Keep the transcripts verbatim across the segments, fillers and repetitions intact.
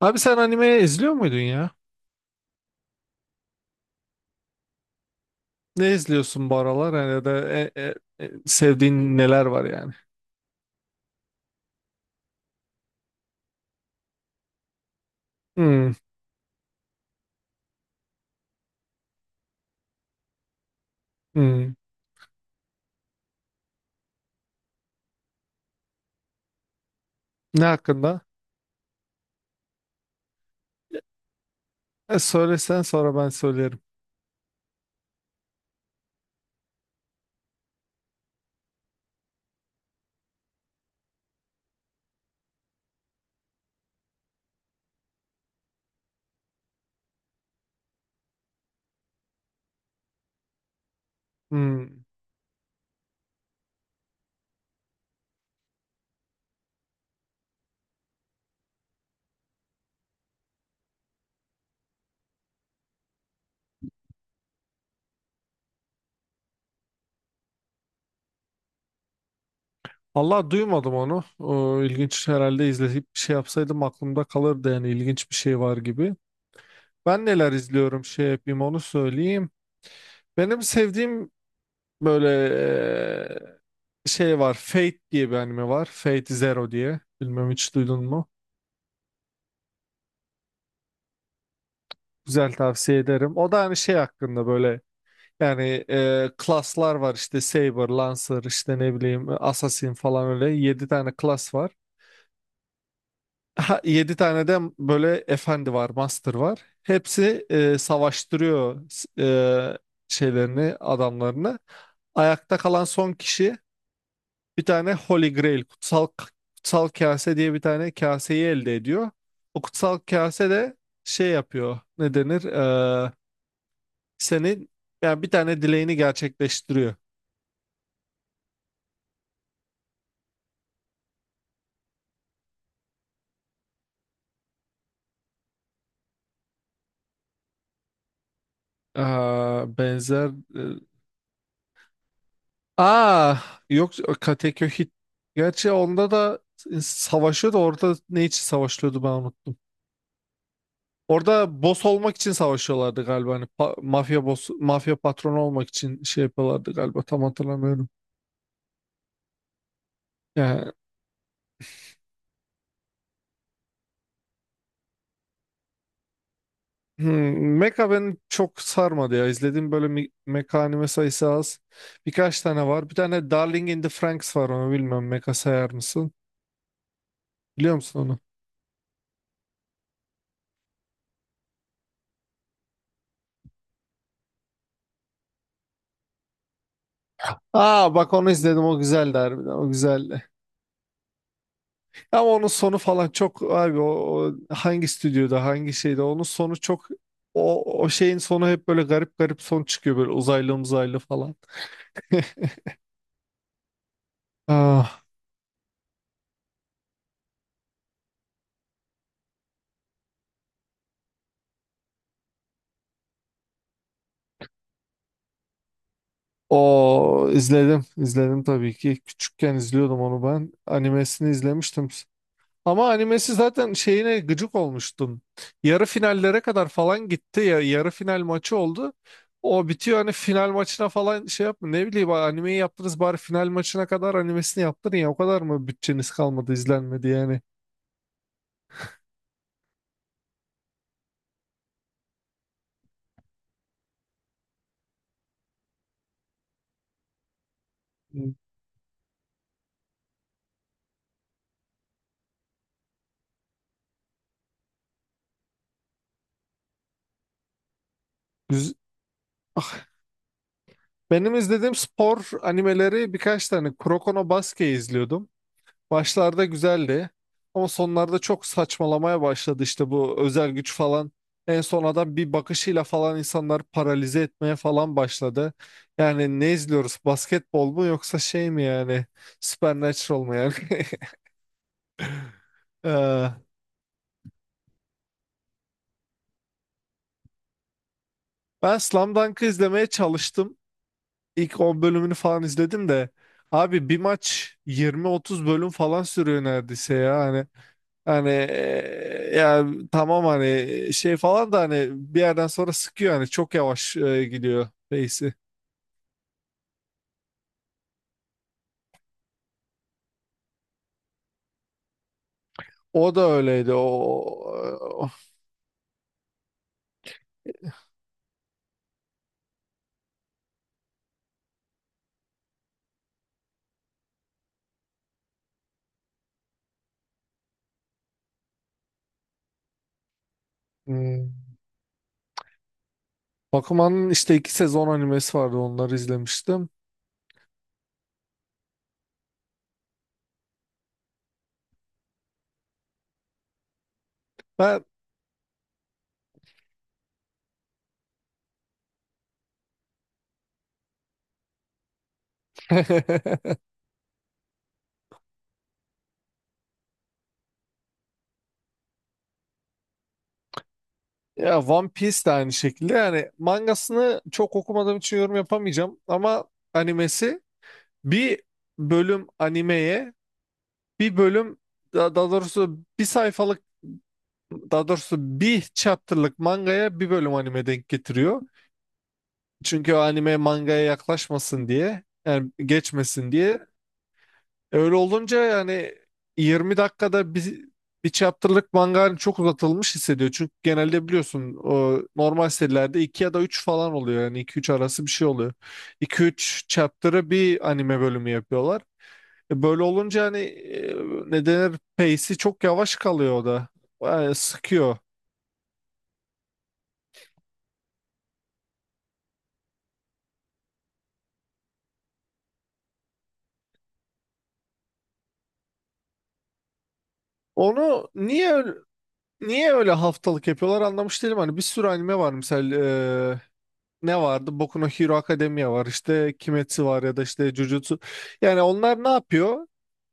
Abi sen anime izliyor muydun ya? Ne izliyorsun bu aralar? Yani ya da e, e, e, sevdiğin neler var yani? Hmm, hmm. Ne hakkında? E, söylesen sonra ben söylerim. Hmm. Allah duymadım onu. O, ilginç herhalde izleyip bir şey yapsaydım aklımda kalırdı yani ilginç bir şey var gibi. Ben neler izliyorum şey yapayım onu söyleyeyim. Benim sevdiğim böyle e, şey var. Fate diye bir anime var. Fate Zero diye. Bilmem hiç duydun mu? Güzel tavsiye ederim. O da hani şey hakkında böyle yani e, klaslar var işte Saber, Lancer işte ne bileyim Assassin falan öyle yedi tane klas var. Ha, yedi tane de böyle efendi var, master var. Hepsi e, savaştırıyor s- e, şeylerini, adamlarını. Ayakta kalan son kişi bir tane Holy Grail, kutsal, kutsal kase diye bir tane kaseyi elde ediyor. O kutsal kase de şey yapıyor. Ne denir? E, senin yani bir tane dileğini gerçekleştiriyor. Aa, benzer e, Aa yok Kateköy. Gerçi onda da savaşıyordu. Orada ne için savaşıyordu ben unuttum. Orada boss olmak için savaşıyorlardı galiba. Hani pa- mafya boss, mafya patronu olmak için şey yapıyorlardı galiba. Tam hatırlamıyorum. Yani, hmm, Mecha beni çok sarmadı ya. İzlediğim böyle mi- Mecha anime sayısı az. Birkaç tane var. Bir tane Darling in the Franxx var onu bilmiyorum. Mecha sayar mısın? Biliyor musun onu? Aa bak onu izledim o güzeldi harbiden o güzeldi. Ama onun sonu falan çok abi o, o hangi stüdyoda hangi şeyde onun sonu çok o, o şeyin sonu hep böyle garip garip son çıkıyor böyle uzaylı uzaylı falan. Ah, o izledim izledim tabii ki küçükken izliyordum onu ben animesini izlemiştim. Ama animesi zaten şeyine gıcık olmuştum. Yarı finallere kadar falan gitti ya yarı final maçı oldu. O bitiyor hani final maçına falan şey yapma ne bileyim animeyi yaptınız bari final maçına kadar animesini yaptırın ya o kadar mı bütçeniz kalmadı izlenmedi yani. Güz- Ah, benim izlediğim spor animeleri birkaç tane Kuroko no Basket'i izliyordum. Başlarda güzeldi ama sonlarda çok saçmalamaya başladı işte bu özel güç falan. En son adam bir bakışıyla falan insanlar paralize etmeye falan başladı. Yani ne izliyoruz? Basketbol mu yoksa şey mi yani? Supernatural mu yani? Ee, Ben Slam Dunk'ı izlemeye çalıştım. İlk on bölümünü falan izledim de. Abi bir maç yirmi otuz bölüm falan sürüyor neredeyse ya. Hani Hani e, ya tamam hani şey falan da hani bir yerden sonra sıkıyor hani çok yavaş e, gidiyor pace'i. O da öyleydi. O, o Hmm. Bakuman'ın işte iki sezon animesi vardı onları izlemiştim. Ben ya One Piece de aynı şekilde yani mangasını çok okumadığım için yorum yapamayacağım ama animesi bir bölüm animeye bir bölüm da- daha doğrusu bir sayfalık daha doğrusu bir chapter'lık mangaya bir bölüm anime denk getiriyor. Çünkü o anime mangaya yaklaşmasın diye yani geçmesin diye. Öyle olunca yani yirmi dakikada bir, bir chapter'lık manga hani çok uzatılmış hissediyor. Çünkü genelde biliyorsun o normal serilerde iki ya da üç falan oluyor. Yani iki üç arası bir şey oluyor. İki üç chapter'ı bir anime bölümü yapıyorlar. E, Böyle olunca hani e, ne denir pace'i çok yavaş kalıyor o da. Yani sıkıyor. Onu niye Niye öyle haftalık yapıyorlar anlamış değilim. Hani bir sürü anime var mesela eee, ne vardı? Boku no Hero Academia var işte Kimetsu var ya da işte Jujutsu. Yani onlar ne yapıyor?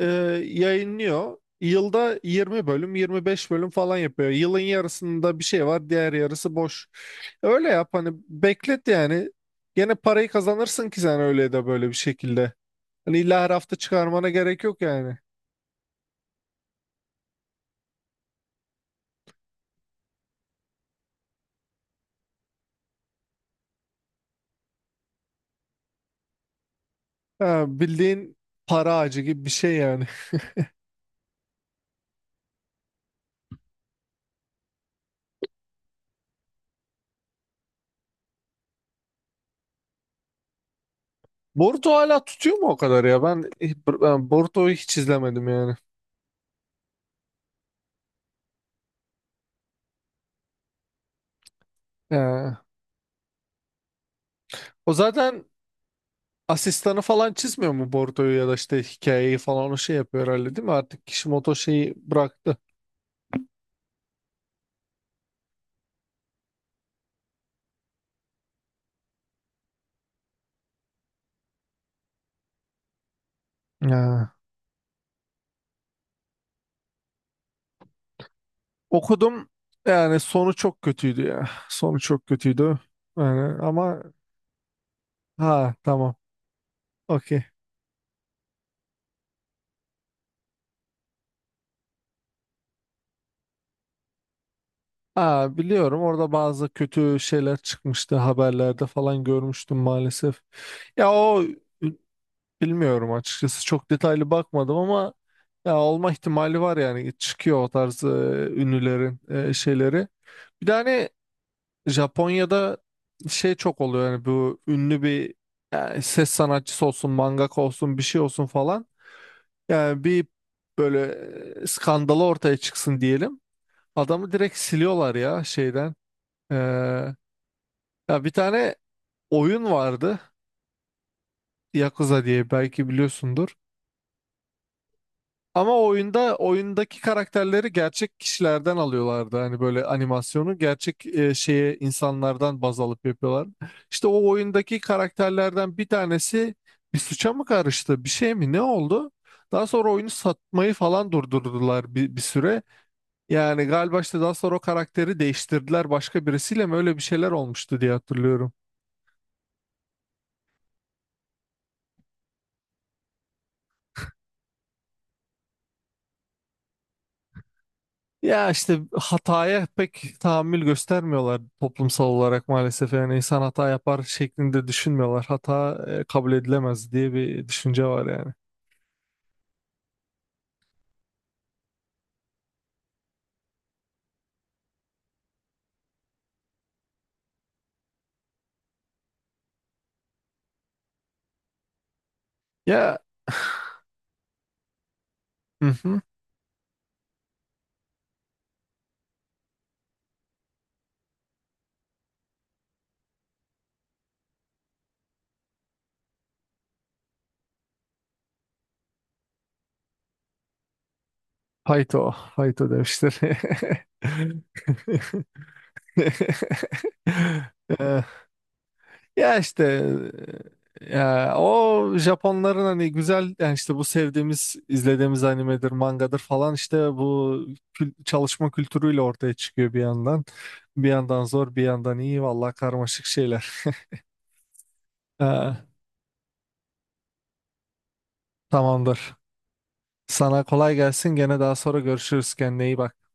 Eee, Yayınlıyor. Yılda yirmi bölüm yirmi beş bölüm falan yapıyor. Yılın yarısında bir şey var diğer yarısı boş. Öyle yap hani beklet yani. Gene parayı kazanırsın ki sen öyle de böyle bir şekilde. Hani illa her hafta çıkarmana gerek yok yani. Ha, bildiğin para ağacı gibi bir şey yani. Boruto hala tutuyor mu o kadar ya? Ben, ben Boruto'yu hiç izlemedim yani. Ee, O zaten asistanı falan çizmiyor mu Boruto'yu ya da işte hikayeyi falan o şey yapıyor herhalde değil mi? Artık Kishimoto şeyi bıraktı. Ya. Okudum yani sonu çok kötüydü ya. Sonu çok kötüydü. Yani ama ha tamam okey. Ha biliyorum orada bazı kötü şeyler çıkmıştı haberlerde falan görmüştüm maalesef. Ya o Bilmiyorum açıkçası çok detaylı bakmadım ama ya olma ihtimali var yani çıkıyor o tarz e, ünlülerin e, şeyleri. Bir de hani Japonya'da şey çok oluyor yani bu ünlü bir yani ses sanatçısı olsun, mangaka olsun, bir şey olsun falan. Yani bir böyle e, skandalı ortaya çıksın diyelim. Adamı direkt siliyorlar ya şeyden. Ee, Ya bir tane oyun vardı Yakuza diye belki biliyorsundur. Ama oyunda oyundaki karakterleri gerçek kişilerden alıyorlardı. Hani böyle animasyonu gerçek e, şeye insanlardan baz alıp yapıyorlar. İşte o oyundaki karakterlerden bir tanesi bir suça mı karıştı, bir şey mi, ne oldu? Daha sonra oyunu satmayı falan durdurdular bir, bir süre. Yani galiba işte daha sonra o karakteri değiştirdiler başka birisiyle mi öyle bir şeyler olmuştu diye hatırlıyorum. Ya işte hataya pek tahammül göstermiyorlar toplumsal olarak maalesef. Yani insan hata yapar şeklinde düşünmüyorlar. Hata e, kabul edilemez diye bir düşünce var yani. Ya, hı hı. Hayto, hayto demişler. Ya işte e, ya o Japonların hani güzel yani işte bu sevdiğimiz izlediğimiz animedir, mangadır falan işte bu kül- çalışma kültürüyle ortaya çıkıyor bir yandan. Bir yandan zor, bir yandan iyi vallahi karmaşık şeyler. Ha, tamamdır. Sana kolay gelsin. Gene daha sonra görüşürüz. Kendine iyi bak.